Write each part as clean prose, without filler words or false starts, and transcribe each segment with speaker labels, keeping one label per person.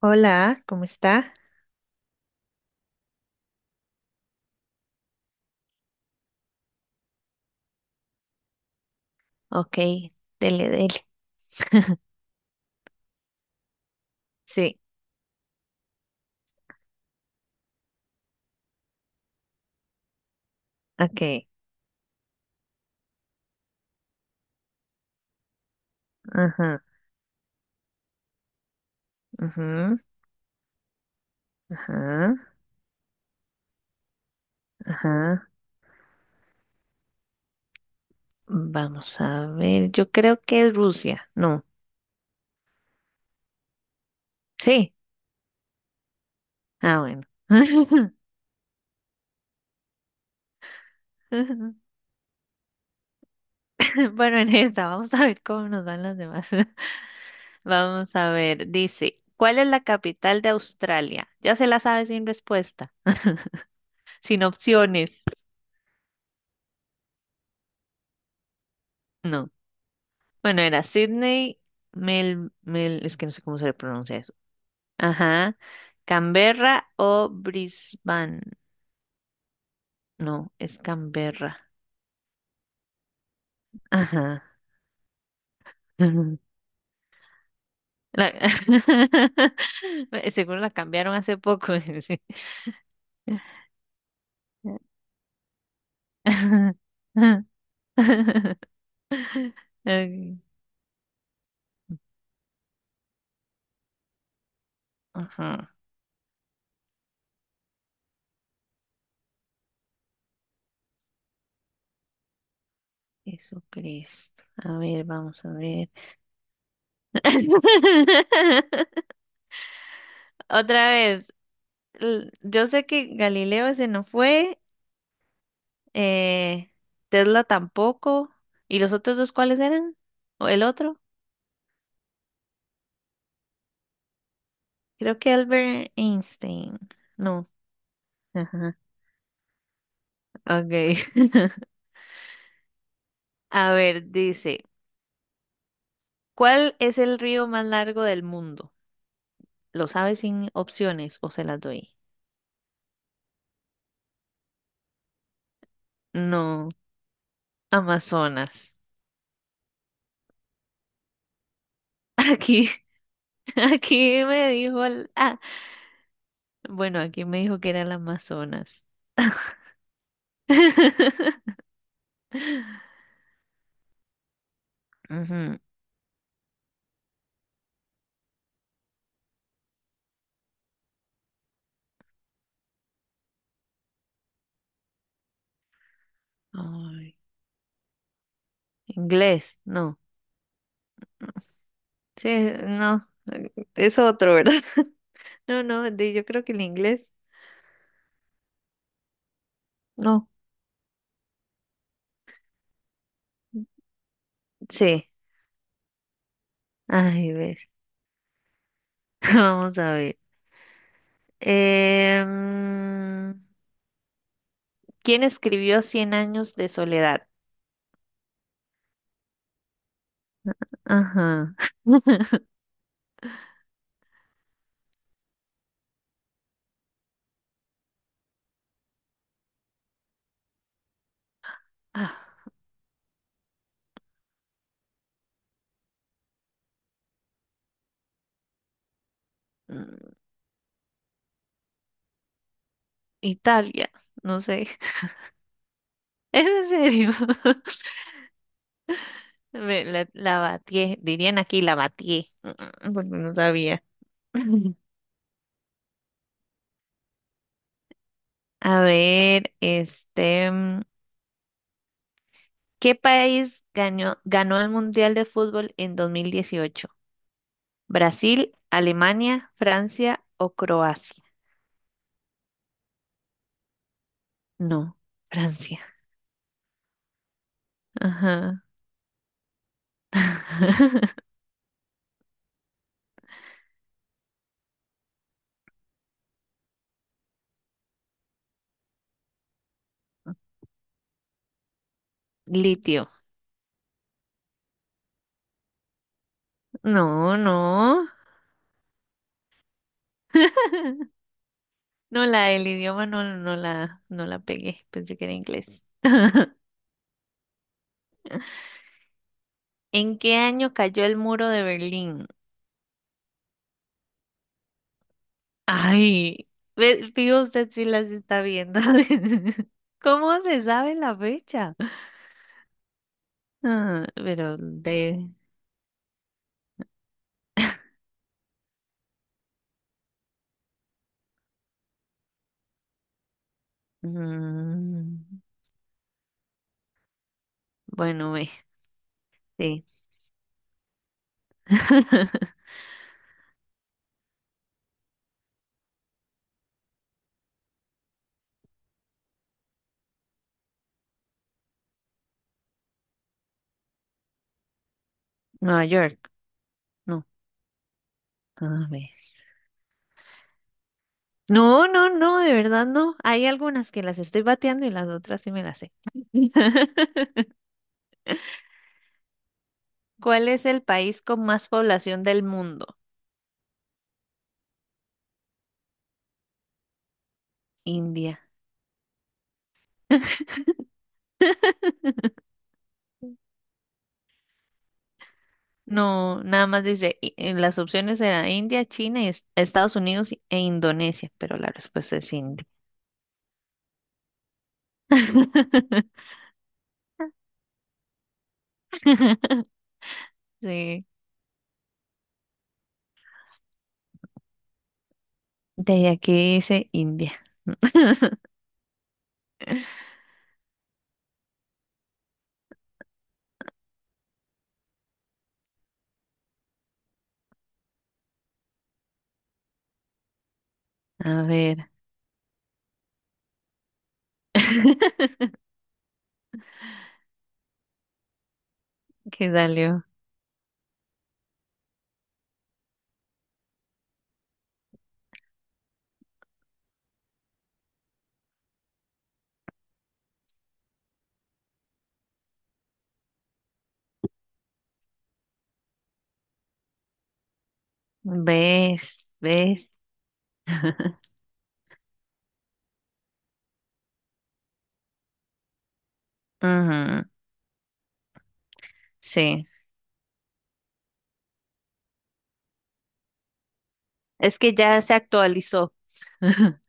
Speaker 1: Hola, ¿cómo está? Ok, dele, dele. Sí, Ok, ajá, ajá, ajá, ajá. Vamos a ver. Yo creo que es Rusia. No. Sí. Ah, bueno. Bueno, en esta, vamos a ver cómo nos dan las demás. Vamos a ver. Dice, ¿cuál es la capital de Australia? Ya se la sabe sin respuesta, sin opciones. No. Bueno, era Sydney, Mel, es que no sé cómo se le pronuncia eso. Ajá. ¿Canberra o Brisbane? No, es Canberra. Ajá. Ujú. La- Seguro la cambiaron hace poco. Sí, sí. Ok. Ajá. Jesucristo. A ver, vamos a ver. Otra vez. Yo sé que Galileo ese no fue. eh, Tesla tampoco. ¿Y los otros dos cuáles eran? ¿O el otro? Creo que Albert Einstein. No. Ajá. Ok. A ver, dice, ¿cuál es el río más largo del mundo? ¿Lo sabes sin opciones o se las doy? No, Amazonas. Aquí, aquí me dijo bueno, aquí me dijo que era el Amazonas. Ujú. Ay, inglés, no. Sí, no, ¿es otro, verdad? No, yo creo que el inglés, no, sí. Ay, ves, vamos a ver. Em, ¿Quién escribió Cien años de soledad? Ajá. Ah, mm, Italia, no sé. ¿Es en serio? La batié, dirían aquí la batié, porque no sabía. A ver, este. ¿Qué país ganó el Mundial de Fútbol en 2018? ¿Brasil, Alemania, Francia o Croacia? No, Francia. Ajá. Litio. No, no. No, la del idioma no la pegué. Pensé que era inglés. ¿En qué año cayó el muro de Berlín? Ay, fijo usted si las está viendo. ¿Cómo se sabe la fecha? Ah, pero de. Mm, bueno, ves. Sí. Nueva York. No. A ver. No, no, no, de verdad no. Hay algunas que las estoy bateando y las otras sí me las sé. ¿Cuál es el país con más población del mundo? India. No, nada más dice, en las opciones eran India, China, y Estados Unidos e Indonesia, pero la respuesta es India. Sí, de aquí dice India. A ver, ¿qué salió? ¿Ves? ¿Ves? Ujú, sí, es que ya se actualizó.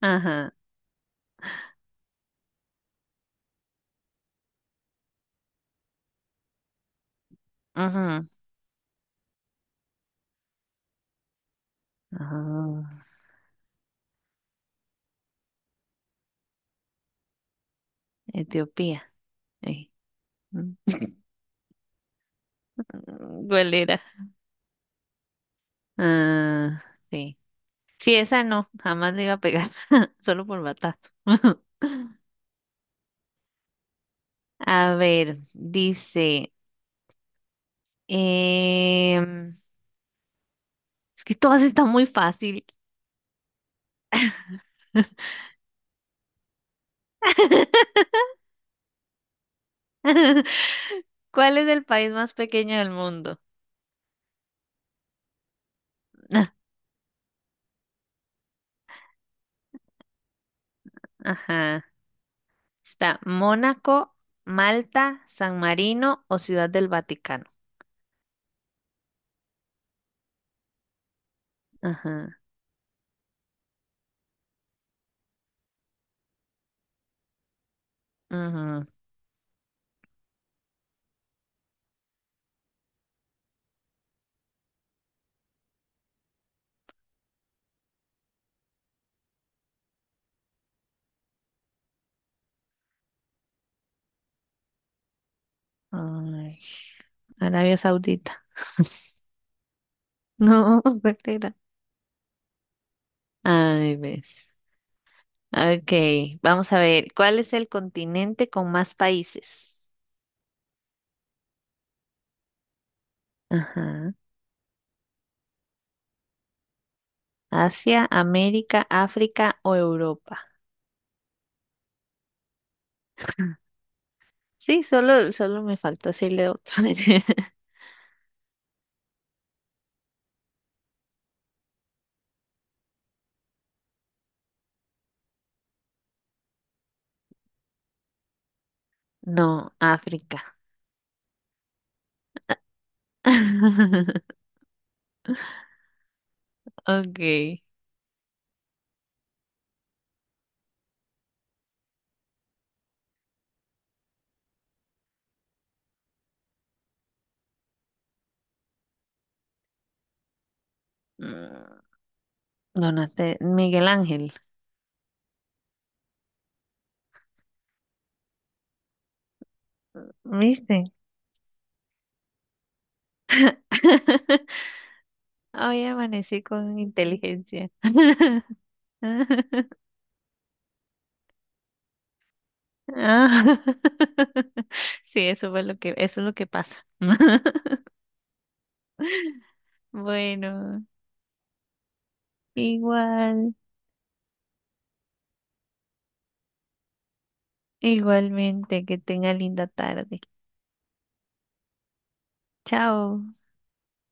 Speaker 1: Ajá, ajá, ajá. Etiopía. eh, mm, ¿Cuál era? Ah, sí. Sí, esa no, jamás le iba a pegar, solo por batazo. A ver, dice, em, es que todas están muy fácil. ¿Cuál es el país más pequeño del mundo? Ajá. Está Mónaco, Malta, San Marino o Ciudad del Vaticano. Ajá. Ajá. Ay, Arabia Saudita. No, espera. Ay, ves. Ok, vamos a ver. ¿Cuál es el continente con más países? Ajá. Asia, América, África o Europa. Sí, solo me faltó decirle otro. No, África. Ok. Mm, Donaste Miguel Ángel. ¿Viste? Hoy amanecí con inteligencia. Ah, Sí, eso es lo que pasa. Bueno, igual, igualmente, que tenga linda tarde. Chao.